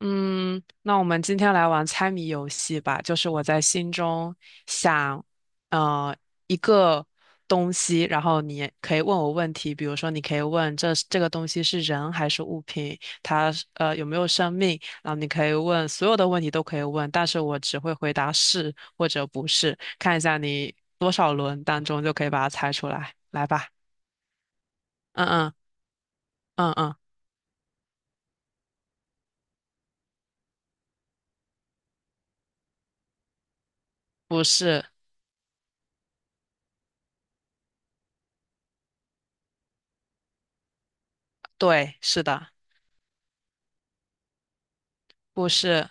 嗯，那我们今天来玩猜谜游戏吧。就是我在心中想，呃，一个东西，然后你可以问我问题，比如说你可以问这个东西是人还是物品，它是有没有生命，然后你可以问所有的问题都可以问，但是我只会回答是或者不是，看一下你多少轮当中就可以把它猜出来。来吧。嗯嗯嗯嗯，不是。对，是的。不是。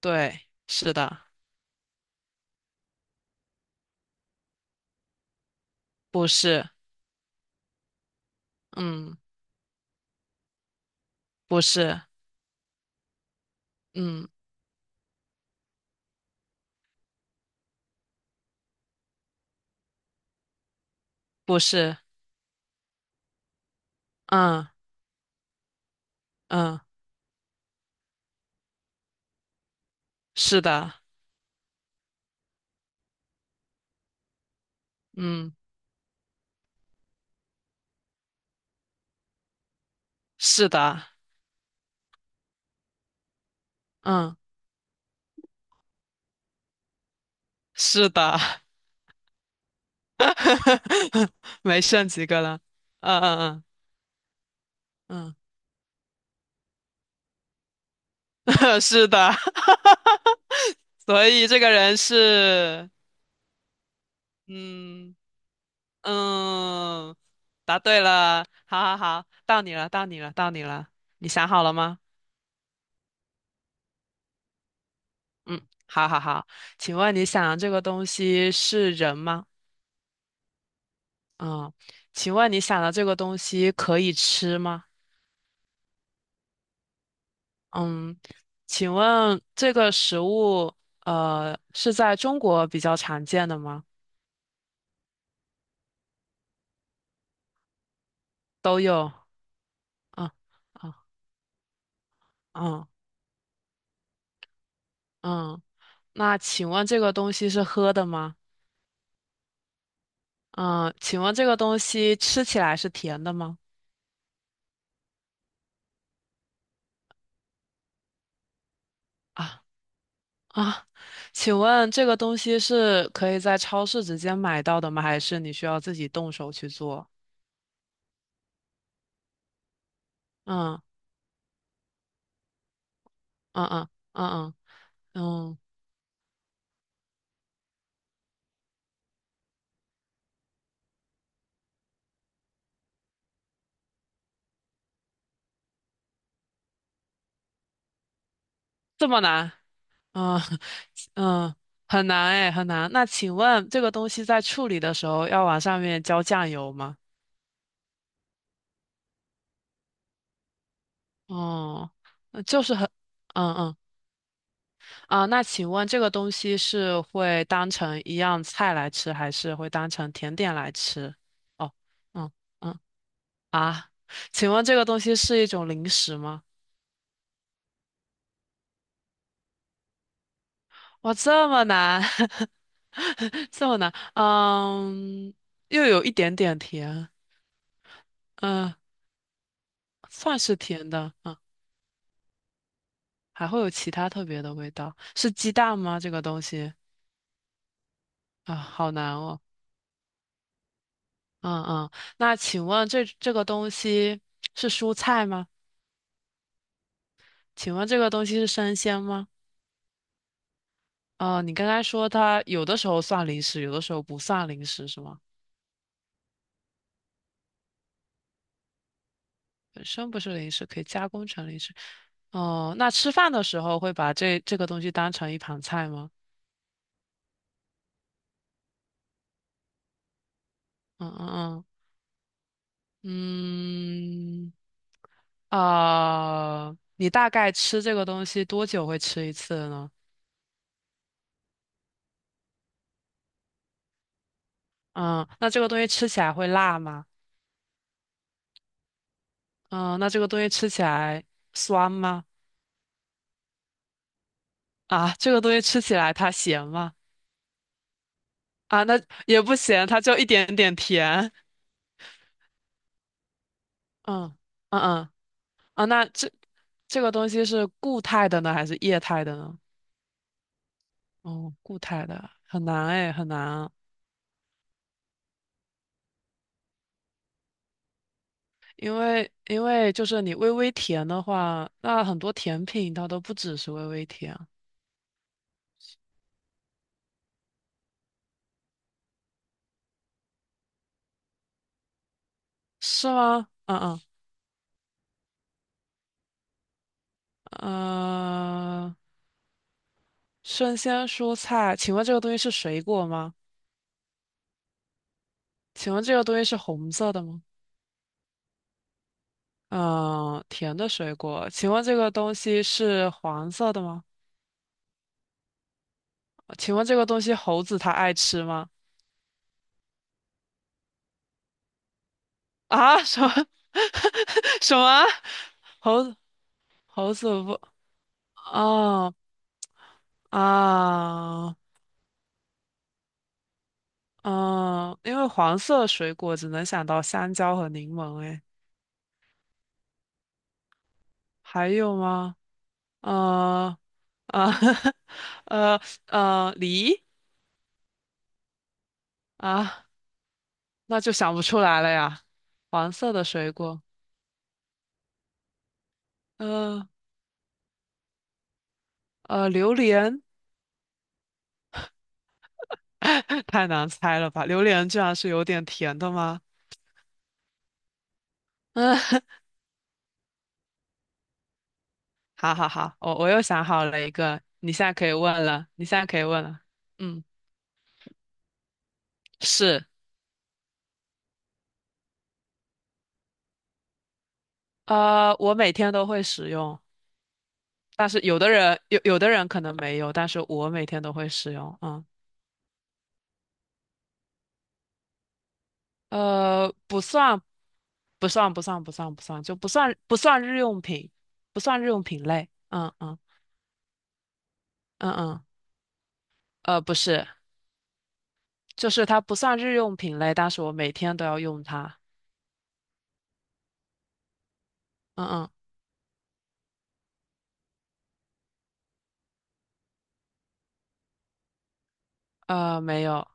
对，是的。不是，嗯，不是，嗯，不是。嗯嗯，是的。嗯，是的。嗯，是的。没剩几个了。嗯嗯嗯嗯，是的。所以这个人是，嗯嗯，答对了。好好好，到你了，到你了，到你了，你想好了吗？嗯，好好好。请问你想这个东西是人吗？嗯，请问你想的这个东西可以吃吗？嗯，请问这个食物是在中国比较常见的吗？都有。嗯嗯嗯嗯。那请问这个东西是喝的吗？嗯，请问这个东西吃起来是甜的吗？啊啊，请问这个东西是可以在超市直接买到的吗？还是你需要自己动手去做？嗯嗯嗯嗯嗯嗯。这么难？嗯 嗯，很难哎，很难。那请问这个东西在处理的时候要往上面浇酱油吗？哦，那就是很。嗯嗯啊。那请问这个东西是会当成一样菜来吃，还是会当成甜点来吃？哦。嗯嗯啊，请问这个东西是一种零食吗？哇，这么难。这么难。嗯，又有一点点甜。嗯。算是甜的。嗯，还会有其他特别的味道，是鸡蛋吗？这个东西啊，好难哦。嗯嗯，那请问这个东西是蔬菜吗？请问这个东西是生鲜吗？哦，你刚才说它有的时候算零食，有的时候不算零食，是吗？本身不是零食，可以加工成零食。哦，那吃饭的时候会把这个东西当成一盘菜吗？嗯嗯嗯嗯。啊，你大概吃这个东西多久会吃一次呢？嗯，那这个东西吃起来会辣吗？嗯，那这个东西吃起来酸吗？啊，这个东西吃起来它咸吗？啊，那也不咸，它就一点点甜。嗯嗯嗯那这个东西是固态的呢，还是液态的呢？哦，固态的很难哎，很难啊。因为因为就是你微微甜的话，那很多甜品它都不只是微微甜。是吗？嗯嗯。嗯，生鲜蔬菜，请问这个东西是水果吗？请问这个东西是红色的吗？嗯，甜的水果，请问这个东西是黄色的吗？请问这个东西猴子它爱吃吗？啊，什么 什么？猴子猴子不？哦啊嗯，因为黄色水果只能想到香蕉和柠檬，诶，还有吗？呃呃 呃梨啊，那就想不出来了呀。黄色的水果，呃榴莲。太难猜了吧？榴莲居然是有点甜的吗？嗯，好好好。我又想好了一个，你现在可以问了，你现在可以问了。嗯，是。我每天都会使用，但是有的人可能没有，但是我每天都会使用。不算，不算，不算，不算，不算，就不算，不算日用品，不算日用品类。嗯嗯嗯嗯，不是。就是它不算日用品类，但是我每天都要用它。嗯嗯，没有。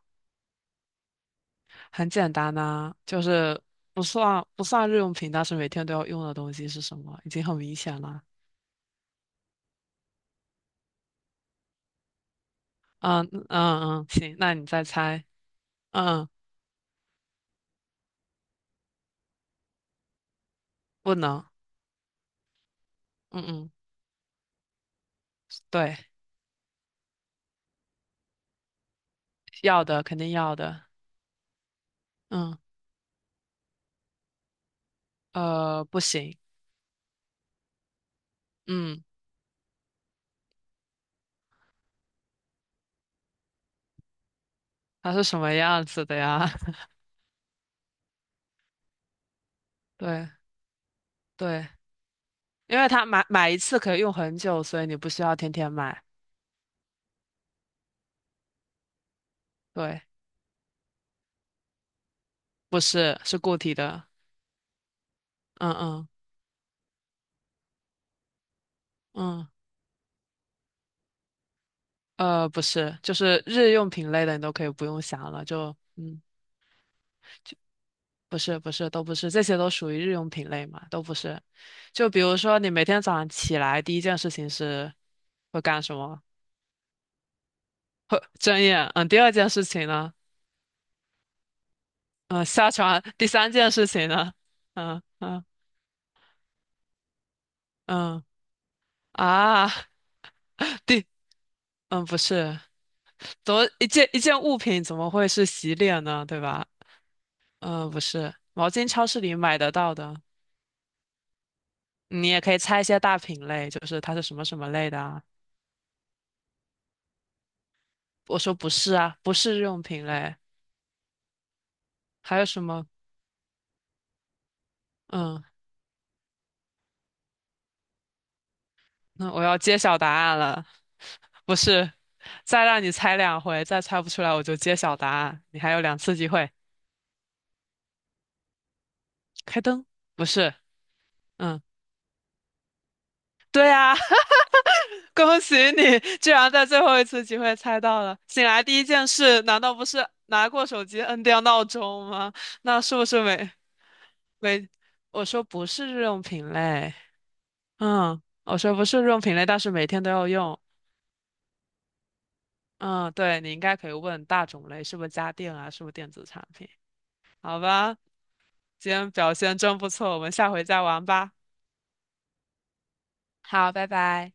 很简单呐、就是不算日用品，但是每天都要用的东西是什么？已经很明显了。嗯嗯嗯，行。那你再猜。嗯，不能。嗯嗯，对，要的肯定要的。嗯，不行。嗯。它是什么样子的呀？对对，因为它买一次可以用很久，所以你不需要天天买。对，不是，是固体的。嗯嗯嗯，不是，就是日用品类的，你都可以不用想了。不是不是，都不是，这些都属于日用品类嘛，都不是。就比如说，你每天早上起来第一件事情是会干什么？会睁眼。嗯，第二件事情呢？嗯，下床。第三件事情呢？嗯嗯嗯啊。对，嗯，不是，怎么一件一件物品怎么会是洗脸呢？对吧？嗯，不是，毛巾超市里买得到的。你也可以猜一些大品类，就是它是什么什么类的啊？我说不是啊，不是日用品类。还有什么？嗯，那我要揭晓答案了，不是。再让你猜两回，再猜不出来我就揭晓答案，你还有两次机会。开灯，不是。嗯，对啊，恭喜你，居然在最后一次机会猜到了。醒来第一件事，难道不是拿过手机摁掉闹钟吗？那是不是没？我说不是日用品类，我说不是日用品类，但是每天都要用。嗯，对，你应该可以问大种类，是不是家电啊，是不是电子产品？好吧，今天表现真不错，我们下回再玩吧。好，拜拜。